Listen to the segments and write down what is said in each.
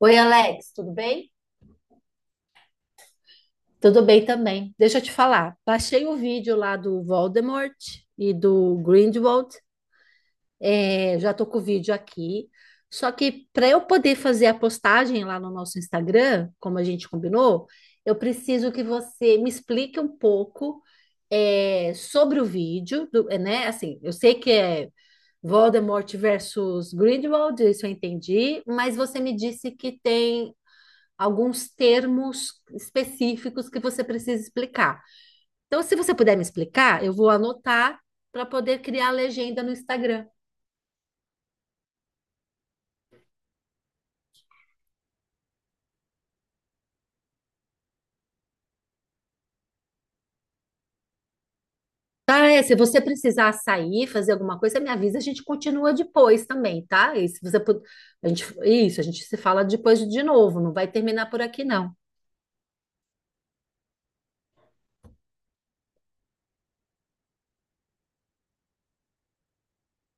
Oi, Alex, tudo bem? Tudo bem também. Deixa eu te falar. Baixei o vídeo lá do Voldemort e do Grindelwald. É, já tô com o vídeo aqui. Só que para eu poder fazer a postagem lá no nosso Instagram, como a gente combinou, eu preciso que você me explique um pouco sobre o vídeo, né? Assim, eu sei que é Voldemort versus Grindelwald, isso eu entendi, mas você me disse que tem alguns termos específicos que você precisa explicar. Então, se você puder me explicar, eu vou anotar para poder criar a legenda no Instagram. Tá, se você precisar sair, fazer alguma coisa, me avisa, a gente continua depois também, tá? E se você pud- A gente, isso, a gente se fala depois de novo, não vai terminar por aqui, não.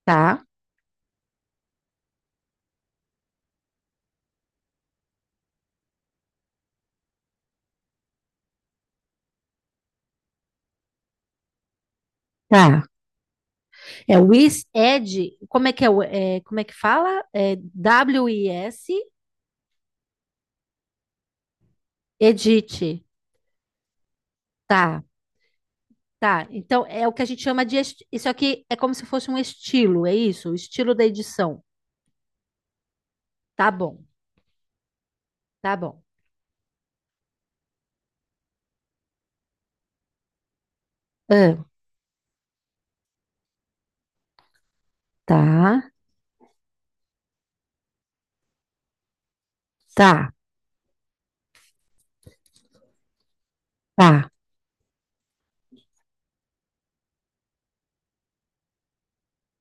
Tá? Tá. É o is ed, como é que é, como é que fala? É W-I-S, edit. Tá. Tá, então é o que a gente chama de. Isso aqui é como se fosse um estilo, é isso? O estilo da edição. Tá bom, tá bom. Ah, tá, tá, tá.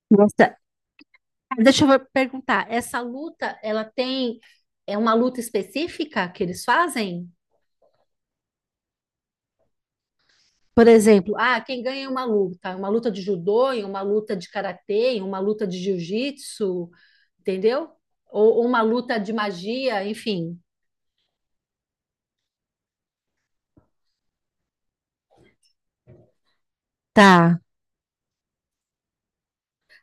Nossa, ah, deixa eu perguntar, essa luta, ela tem. É uma luta específica que eles fazem? Por exemplo, ah, quem ganha é uma luta? Uma luta de judô, em uma luta de karatê, em uma luta de jiu-jitsu, entendeu? Ou uma luta de magia, enfim. Tá.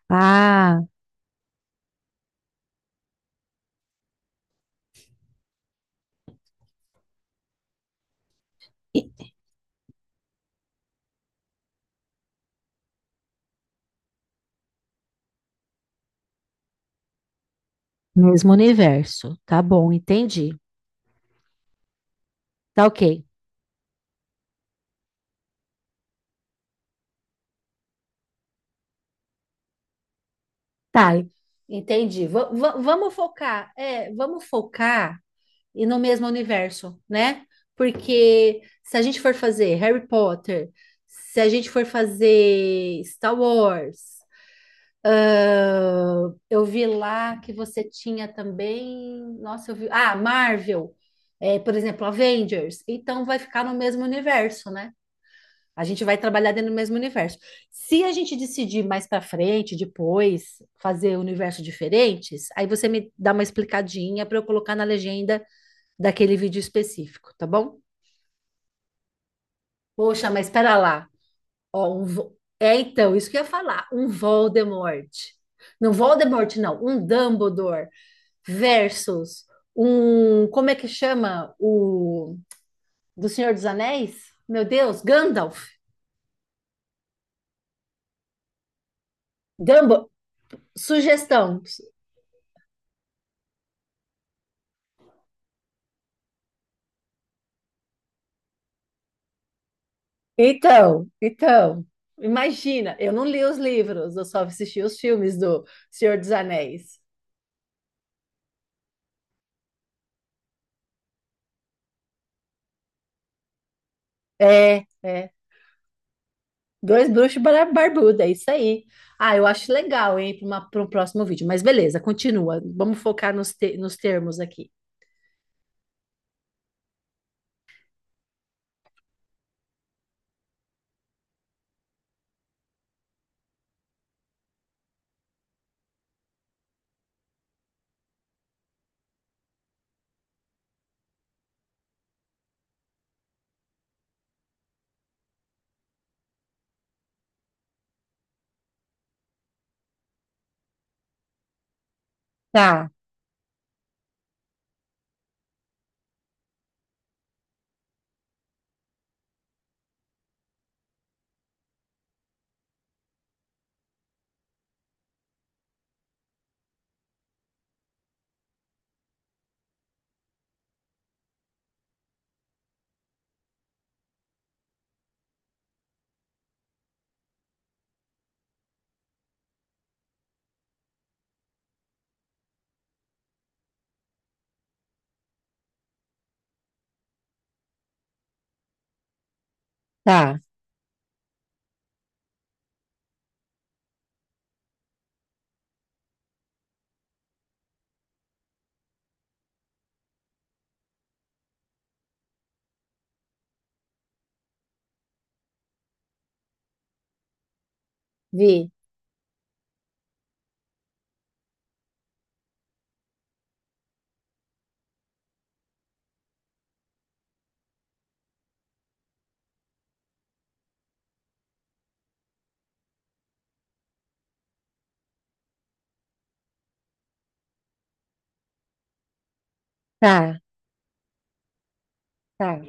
Ah. Mesmo universo. Tá bom, entendi. Tá ok. Tá, entendi. Vamos focar, vamos focar e no mesmo universo, né? Porque se a gente for fazer Harry Potter, se a gente for fazer Star Wars, ah, eu vi lá que você tinha também, nossa, eu vi, ah, Marvel, é, por exemplo, Avengers. Então vai ficar no mesmo universo, né? A gente vai trabalhar dentro do mesmo universo. Se a gente decidir mais para frente, depois, fazer universos diferentes, aí você me dá uma explicadinha para eu colocar na legenda daquele vídeo específico, tá bom? Poxa, mas espera lá. Ó, é então, isso que eu ia falar, um Voldemort. Não Voldemort, não, um Dumbledore versus um, como é que chama o do Senhor dos Anéis? Meu Deus, Gandalf. Dumbledore. Sugestão, então, então, imagina, eu não li os livros, eu só assisti os filmes do Senhor dos Anéis. É, é. Dois bruxos barbudos, é isso aí. Ah, eu acho legal, hein, para um próximo vídeo. Mas beleza, continua. Vamos focar nos, te- nos termos aqui. Tá, tá, vi, tá, tá.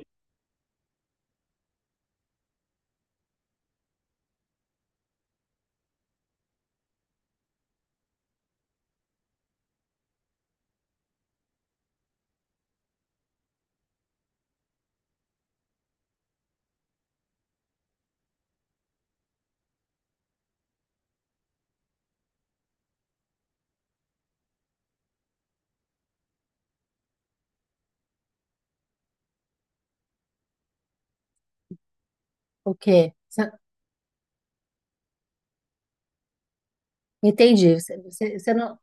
O quê? Entendi. Você não.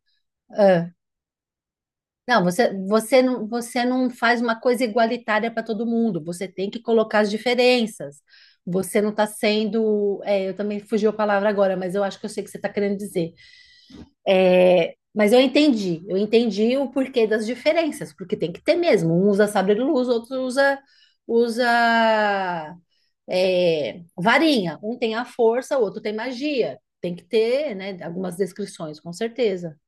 Não, você não faz uma coisa igualitária para todo mundo. Você tem que colocar as diferenças. Você não está sendo. É, eu também fugiu a palavra agora, mas eu acho que eu sei o que você está querendo dizer. É, mas eu entendi. Eu entendi o porquê das diferenças, porque tem que ter mesmo. Um usa sabre-luz, outro usa, usa é, varinha. Um tem a força, o outro tem magia. Tem que ter, né, algumas descrições, com certeza.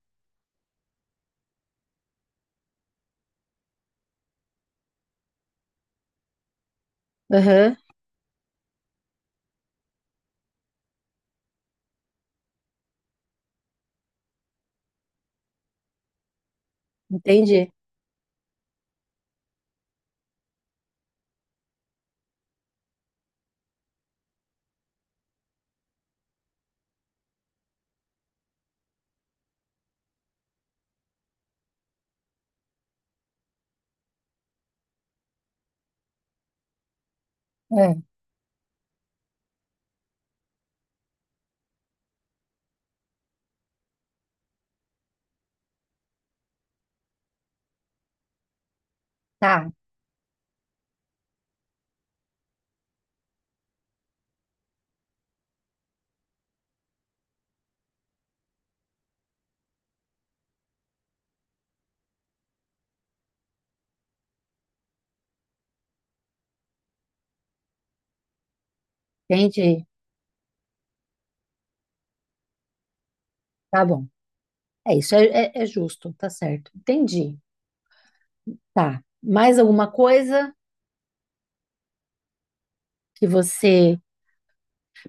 Aham, entendi. É. Tá. Entendi. Tá bom. É isso, é justo, tá certo. Entendi. Tá. Mais alguma coisa que você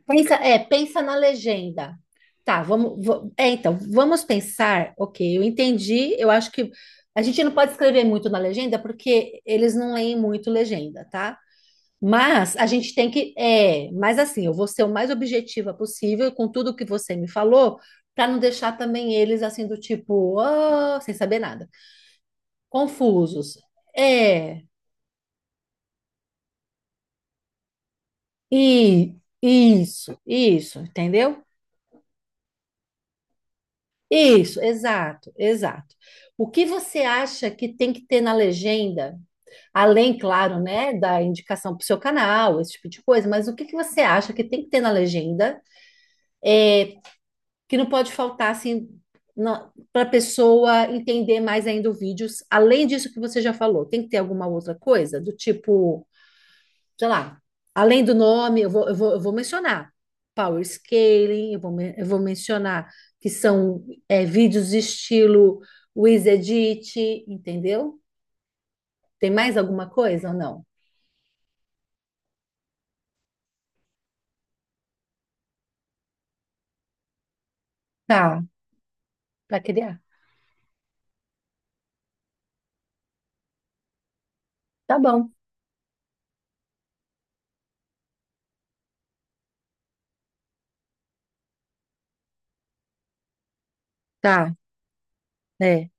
pensa? É, pensa na legenda. Então, vamos pensar. Ok, eu entendi. Eu acho que a gente não pode escrever muito na legenda porque eles não leem muito legenda, tá? Mas a gente tem que. É, mas assim, eu vou ser o mais objetiva possível com tudo que você me falou, para não deixar também eles assim do tipo, "Ah", sem saber nada. Confusos. É, e isso, entendeu? Isso, exato, exato. O que você acha que tem que ter na legenda, além, claro, né, da indicação para o seu canal, esse tipo de coisa, mas o que que você acha que tem que ter na legenda, é, que não pode faltar assim para a pessoa entender mais ainda o vídeo, além disso que você já falou, tem que ter alguma outra coisa, do tipo sei lá, além do nome, eu vou mencionar power scaling, eu vou mencionar que são é, vídeos de estilo Wiz Edit, entendeu? Tem mais alguma coisa ou não? Tá, para criar. Tá bom. Tá, é,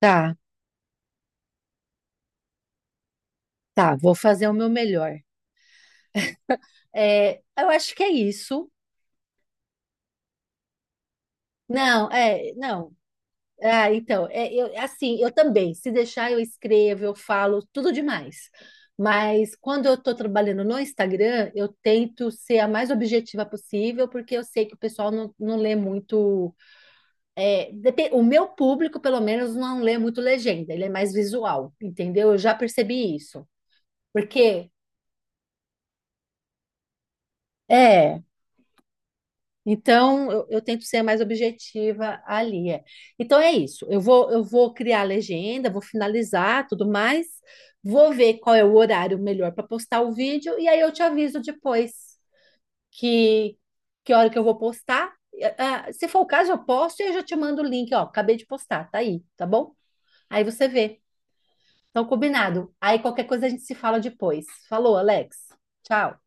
tá, tá, vou fazer o meu melhor. É, eu acho que é isso. Não, é, não. Ah, então, é, eu, é assim, eu também, se deixar eu escrevo, eu falo tudo demais. Mas quando eu estou trabalhando no Instagram, eu tento ser a mais objetiva possível, porque eu sei que o pessoal não lê muito. O meu público, pelo menos, não lê muito legenda, ele é mais visual, entendeu? Eu já percebi isso. Porque. É então, eu tento ser mais objetiva ali. É. Então, é isso. Eu vou criar a legenda, vou finalizar tudo mais, vou ver qual é o horário melhor para postar o vídeo, e aí eu te aviso depois que, que hora que eu vou postar. Se for o caso, eu posto e eu já te mando o link, ó. Acabei de postar, tá aí, tá bom? Aí você vê. Então, combinado. Aí qualquer coisa a gente se fala depois. Falou, Alex. Tchau.